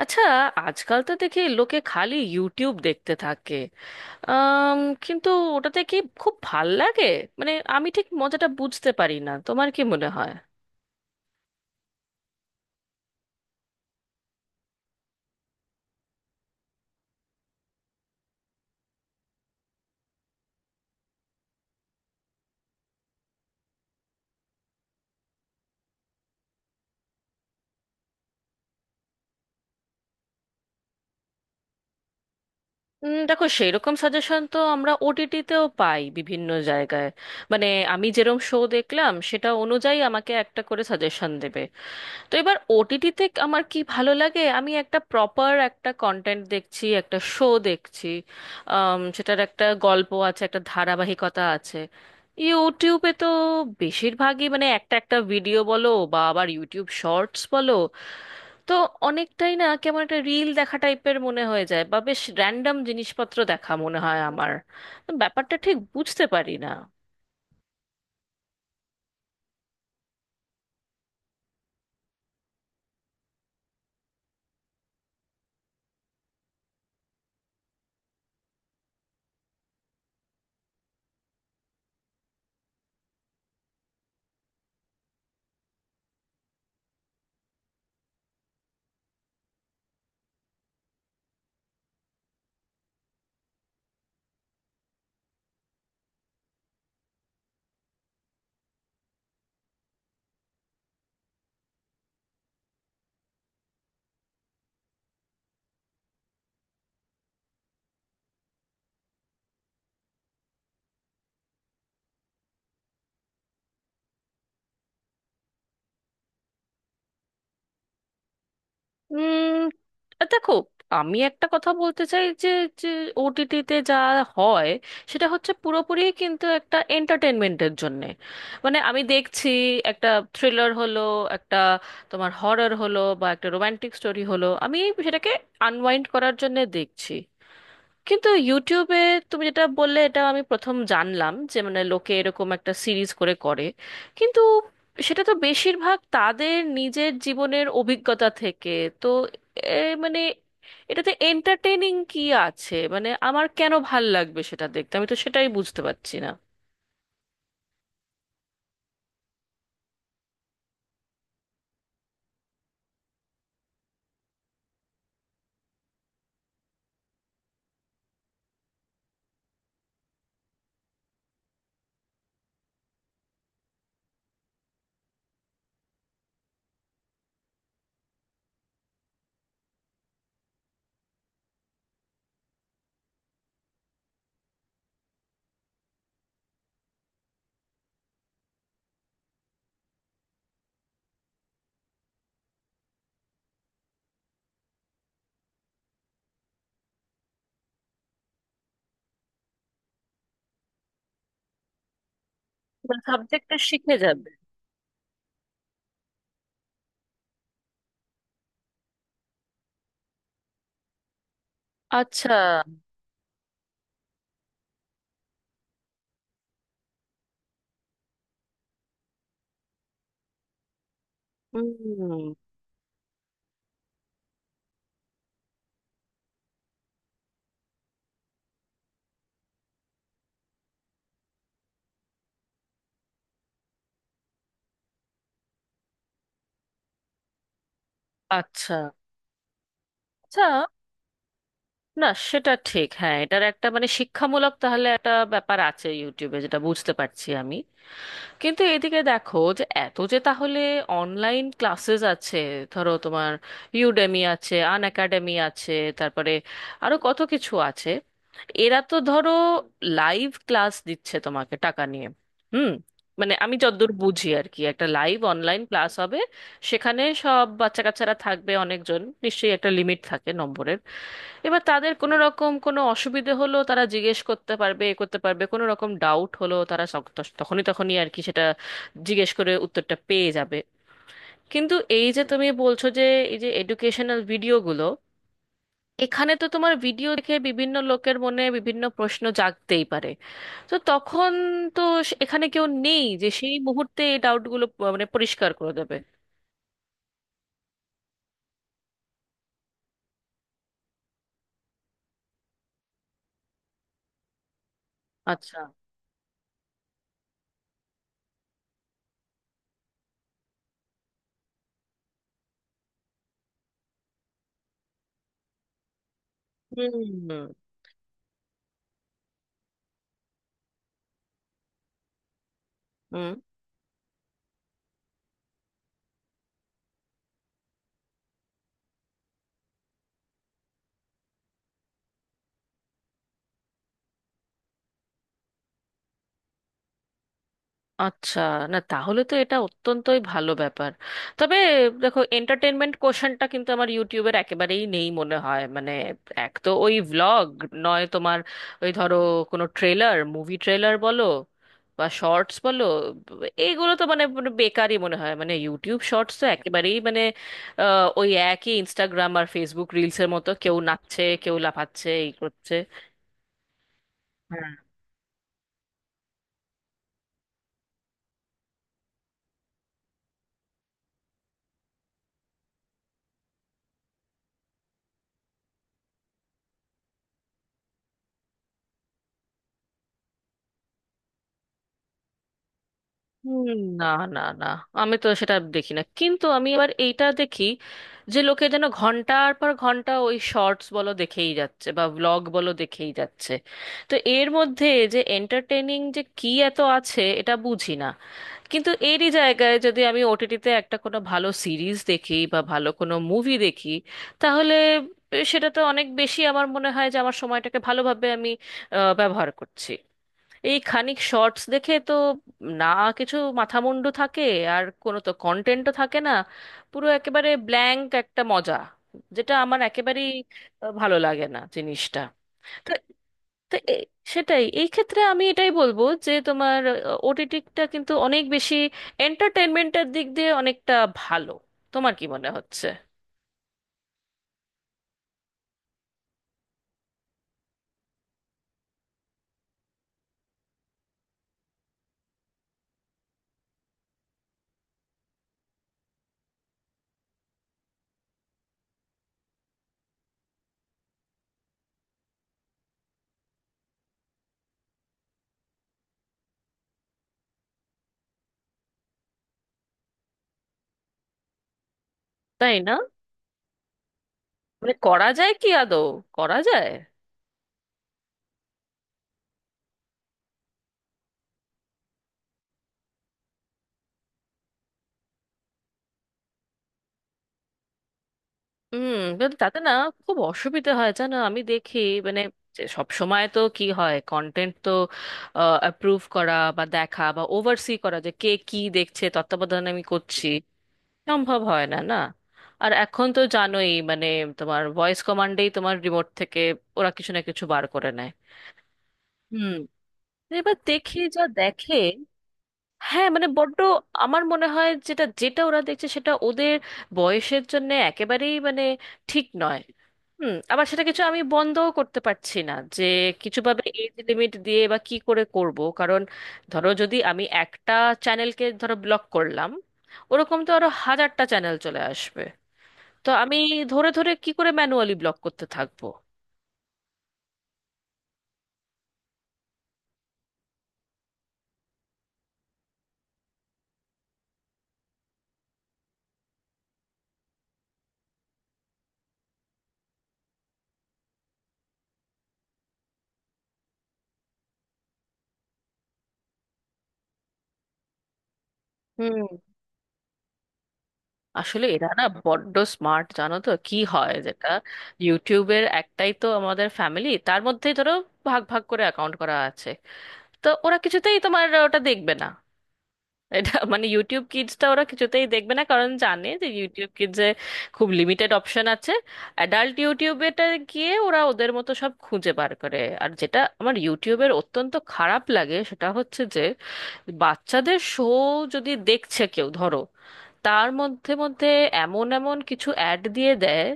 আচ্ছা, আজকাল তো দেখি লোকে খালি ইউটিউব দেখতে থাকে। আম, কিন্তু ওটাতে কি খুব ভাল লাগে? মানে আমি ঠিক মজাটা বুঝতে পারি না, তোমার কি মনে হয়? দেখো, সেই রকম সাজেশন তো আমরা ওটিটিতেও পাই বিভিন্ন জায়গায়। মানে আমি যেরকম শো দেখলাম সেটা অনুযায়ী আমাকে একটা করে সাজেশন দেবে। তো এবার ওটিটিতে আমার কি ভালো লাগে, আমি একটা প্রপার একটা কন্টেন্ট দেখছি, একটা শো দেখছি। সেটার একটা গল্প আছে, একটা ধারাবাহিকতা আছে। ইউটিউবে তো বেশিরভাগই মানে একটা একটা ভিডিও বলো বা আবার ইউটিউব শর্টস বলো, তো অনেকটাই না কেমন একটা রিল দেখা টাইপের মনে হয়ে যায়, বা বেশ র্যান্ডম জিনিসপত্র দেখা মনে হয় আমার। ব্যাপারটা ঠিক বুঝতে পারি না। উম, দেখো, আমি একটা কথা বলতে চাই যে যে ওটিটিতে যা হয় সেটা হচ্ছে পুরোপুরি কিন্তু একটা এন্টারটেনমেন্টের জন্যে। মানে আমি দেখছি একটা থ্রিলার হলো, একটা তোমার হরর হলো, বা একটা রোমান্টিক স্টোরি হলো, আমি সেটাকে আনওয়াইন্ড করার জন্য দেখছি। কিন্তু ইউটিউবে তুমি যেটা বললে, এটা আমি প্রথম জানলাম যে মানে লোকে এরকম একটা সিরিজ করে করে, কিন্তু সেটা তো বেশিরভাগ তাদের নিজের জীবনের অভিজ্ঞতা থেকে। তো এ, মানে এটাতে এন্টারটেইনিং কি আছে, মানে আমার কেন ভাল লাগবে সেটা দেখতে, আমি তো সেটাই বুঝতে পারছি না। সাবজেক্টটা শিখে যাবে। আচ্ছা। হুম। আচ্ছা। আচ্ছা, না সেটা ঠিক, হ্যাঁ, এটার একটা মানে শিক্ষামূলক তাহলে একটা ব্যাপার আছে ইউটিউবে, যেটা বুঝতে পারছি আমি। কিন্তু এদিকে দেখো যে এত যে তাহলে অনলাইন ক্লাসেস আছে, ধরো তোমার ইউডেমি আছে, আন একাডেমি আছে, তারপরে আরো কত কিছু আছে। এরা তো ধরো লাইভ ক্লাস দিচ্ছে তোমাকে টাকা নিয়ে। হুম। মানে আমি যতদূর বুঝি আর কি, একটা লাইভ অনলাইন ক্লাস হবে, সেখানে সব বাচ্চা কাচ্চারা থাকবে অনেকজন, নিশ্চয়ই একটা লিমিট থাকে নম্বরের। এবার তাদের কোনো রকম কোনো অসুবিধে হলো তারা জিজ্ঞেস করতে পারবে, এ করতে পারবে, কোনো রকম ডাউট হলো তারা সক- তস- তখনই তখনই আর কি সেটা জিজ্ঞেস করে উত্তরটা পেয়ে যাবে। কিন্তু এই যে তুমি বলছো যে এই যে এডুকেশনাল ভিডিওগুলো, এখানে তো তোমার ভিডিও দেখে বিভিন্ন লোকের মনে বিভিন্ন প্রশ্ন জাগতেই পারে। তো তখন, তো এখানে কেউ নেই যে সেই মুহূর্তে এই ডাউটগুলো মানে পরিষ্কার করে দেবে। আচ্ছা। হুম। হুম। আচ্ছা, না তাহলে তো এটা অত্যন্তই ভালো ব্যাপার। তবে দেখো, এন্টারটেনমেন্ট কোশ্চেনটা কিন্তু আমার ইউটিউবের একেবারেই নেই মনে হয়। মানে এক তো ওই ভ্লগ, নয় তোমার ওই ধরো কোনো ট্রেলার, মুভি ট্রেলার বলো বা শর্টস বলো, এইগুলো তো মানে পুরো বেকারই মনে হয়। মানে ইউটিউব শর্টস তো একেবারেই মানে ওই একই ইনস্টাগ্রাম আর ফেসবুক রিলসের মতো, কেউ নাচছে, কেউ লাফাচ্ছে, এই করছে। হুম, না। না, আমি তো সেটা দেখি না, কিন্তু আমি আবার এইটা দেখি যে লোকে যেন ঘন্টার পর ঘন্টা ওই শর্টস বলো দেখেই যাচ্ছে, বা ব্লগ বলো দেখেই যাচ্ছে। তো এর মধ্যে যে এন্টারটেইনিং যে কি এত আছে, এটা বুঝি না। কিন্তু এরই জায়গায় যদি আমি ওটিটিতে একটা কোনো ভালো সিরিজ দেখি বা ভালো কোনো মুভি দেখি, তাহলে সেটা তো অনেক বেশি আমার মনে হয় যে আমার সময়টাকে ভালোভাবে আমি ব্যবহার করছি। এই খানিক শর্টস দেখে তো না কিছু মাথামুন্ডু থাকে, আর কোনো তো কন্টেন্টও থাকে না। পুরো একেবারে ব্ল্যাঙ্ক একটা মজা, যেটা আমার একেবারেই ভালো লাগে না জিনিসটা। তো তো এ- সেটাই এই ক্ষেত্রে আমি এটাই বলবো যে তোমার ওটিটিটা কিন্তু অনেক বেশি এন্টারটেনমেন্টের দিক দিয়ে অনেকটা ভালো। তোমার কি মনে হচ্ছে? তাই না? মানে করা যায় কি আদৌ, করা যায়? হুম। কিন্তু তাতে না খুব অসুবিধা হয়, জানো, আমি দেখি মানে সব সময় তো কি হয়, কন্টেন্ট তো অ্যাপ্রুভ করা বা দেখা বা ওভারসি করা যে কে কি দেখছে, তত্ত্বাবধান আমি করছি, সম্ভব হয় না, না। আর এখন তো জানোই মানে তোমার ভয়েস কমান্ডেই তোমার রিমোট থেকে ওরা কিছু না কিছু বার করে নেয়। হুম। এবার দেখি যা দেখে। হ্যাঁ মানে বড্ড আমার মনে হয় যেটা যেটা ওরা দেখছে সেটা ওদের বয়সের জন্য একেবারেই মানে ঠিক নয়। হুম, আবার সেটা কিছু আমি বন্ধও করতে পারছি না যে কিছুভাবে এজ লিমিট দিয়ে বা কি করে করব, কারণ ধরো যদি আমি একটা চ্যানেলকে ধরো ব্লক করলাম, ওরকম তো আরো হাজারটা চ্যানেল চলে আসবে। তো আমি ধরে ধরে কি করে ম্যানুয়ালি ব্লক করতে থাকবো? হুম। আসলে এরা না বড্ড স্মার্ট, জানো তো কি হয়, যেটা ইউটিউবের একটাই তো আমাদের ফ্যামিলি, তার মধ্যেই ধরো ভাগ ভাগ করে অ্যাকাউন্ট করা আছে। তো ওরা কিছুতেই তোমার ওটা দেখবে না, এটা মানে ইউটিউব কিডসটা ওরা কিছুতেই দেখবে না, কারণ জানে যে ইউটিউব কিডসে খুব লিমিটেড অপশন আছে। অ্যাডাল্ট ইউটিউবেটা গিয়ে ওরা ওদের মতো সব খুঁজে বার করে। আর যেটা আমার ইউটিউবের অত্যন্ত খারাপ লাগে সেটা হচ্ছে যে বাচ্চাদের শো যদি দেখছে কেউ ধরো, তার মধ্যে মধ্যে এমন এমন কিছু অ্যাড দিয়ে দেয়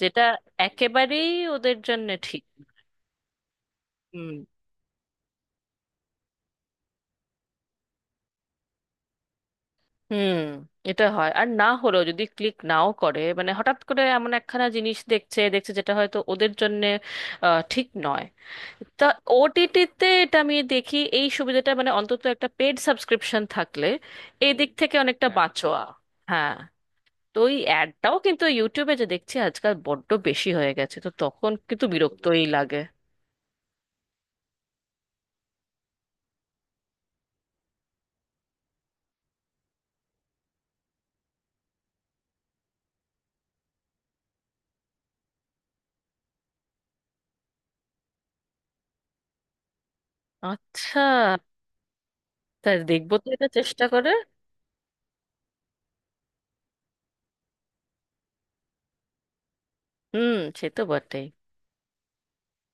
যেটা একেবারেই ওদের জন্য ঠিক। হুম। এটা হয়, আর না হলেও যদি ক্লিক নাও করে মানে হঠাৎ করে এমন একখানা জিনিস দেখছে দেখছে যেটা হয়তো ওদের জন্য ঠিক নয়। তা ওটিটিতে এটা আমি দেখি এই সুবিধাটা, মানে অন্তত একটা পেড সাবস্ক্রিপশন থাকলে এই দিক থেকে অনেকটা, হ্যাঁ, বাঁচোয়া। হ্যাঁ। তো ওই অ্যাডটাও কিন্তু ইউটিউবে যে দেখছি আজকাল বড্ড বেশি হয়ে গেছে, তো তখন কিন্তু বিরক্তই লাগে। আচ্ছা, তা দেখবো তো এটা চেষ্টা করে। হুম, সে তো বটেই।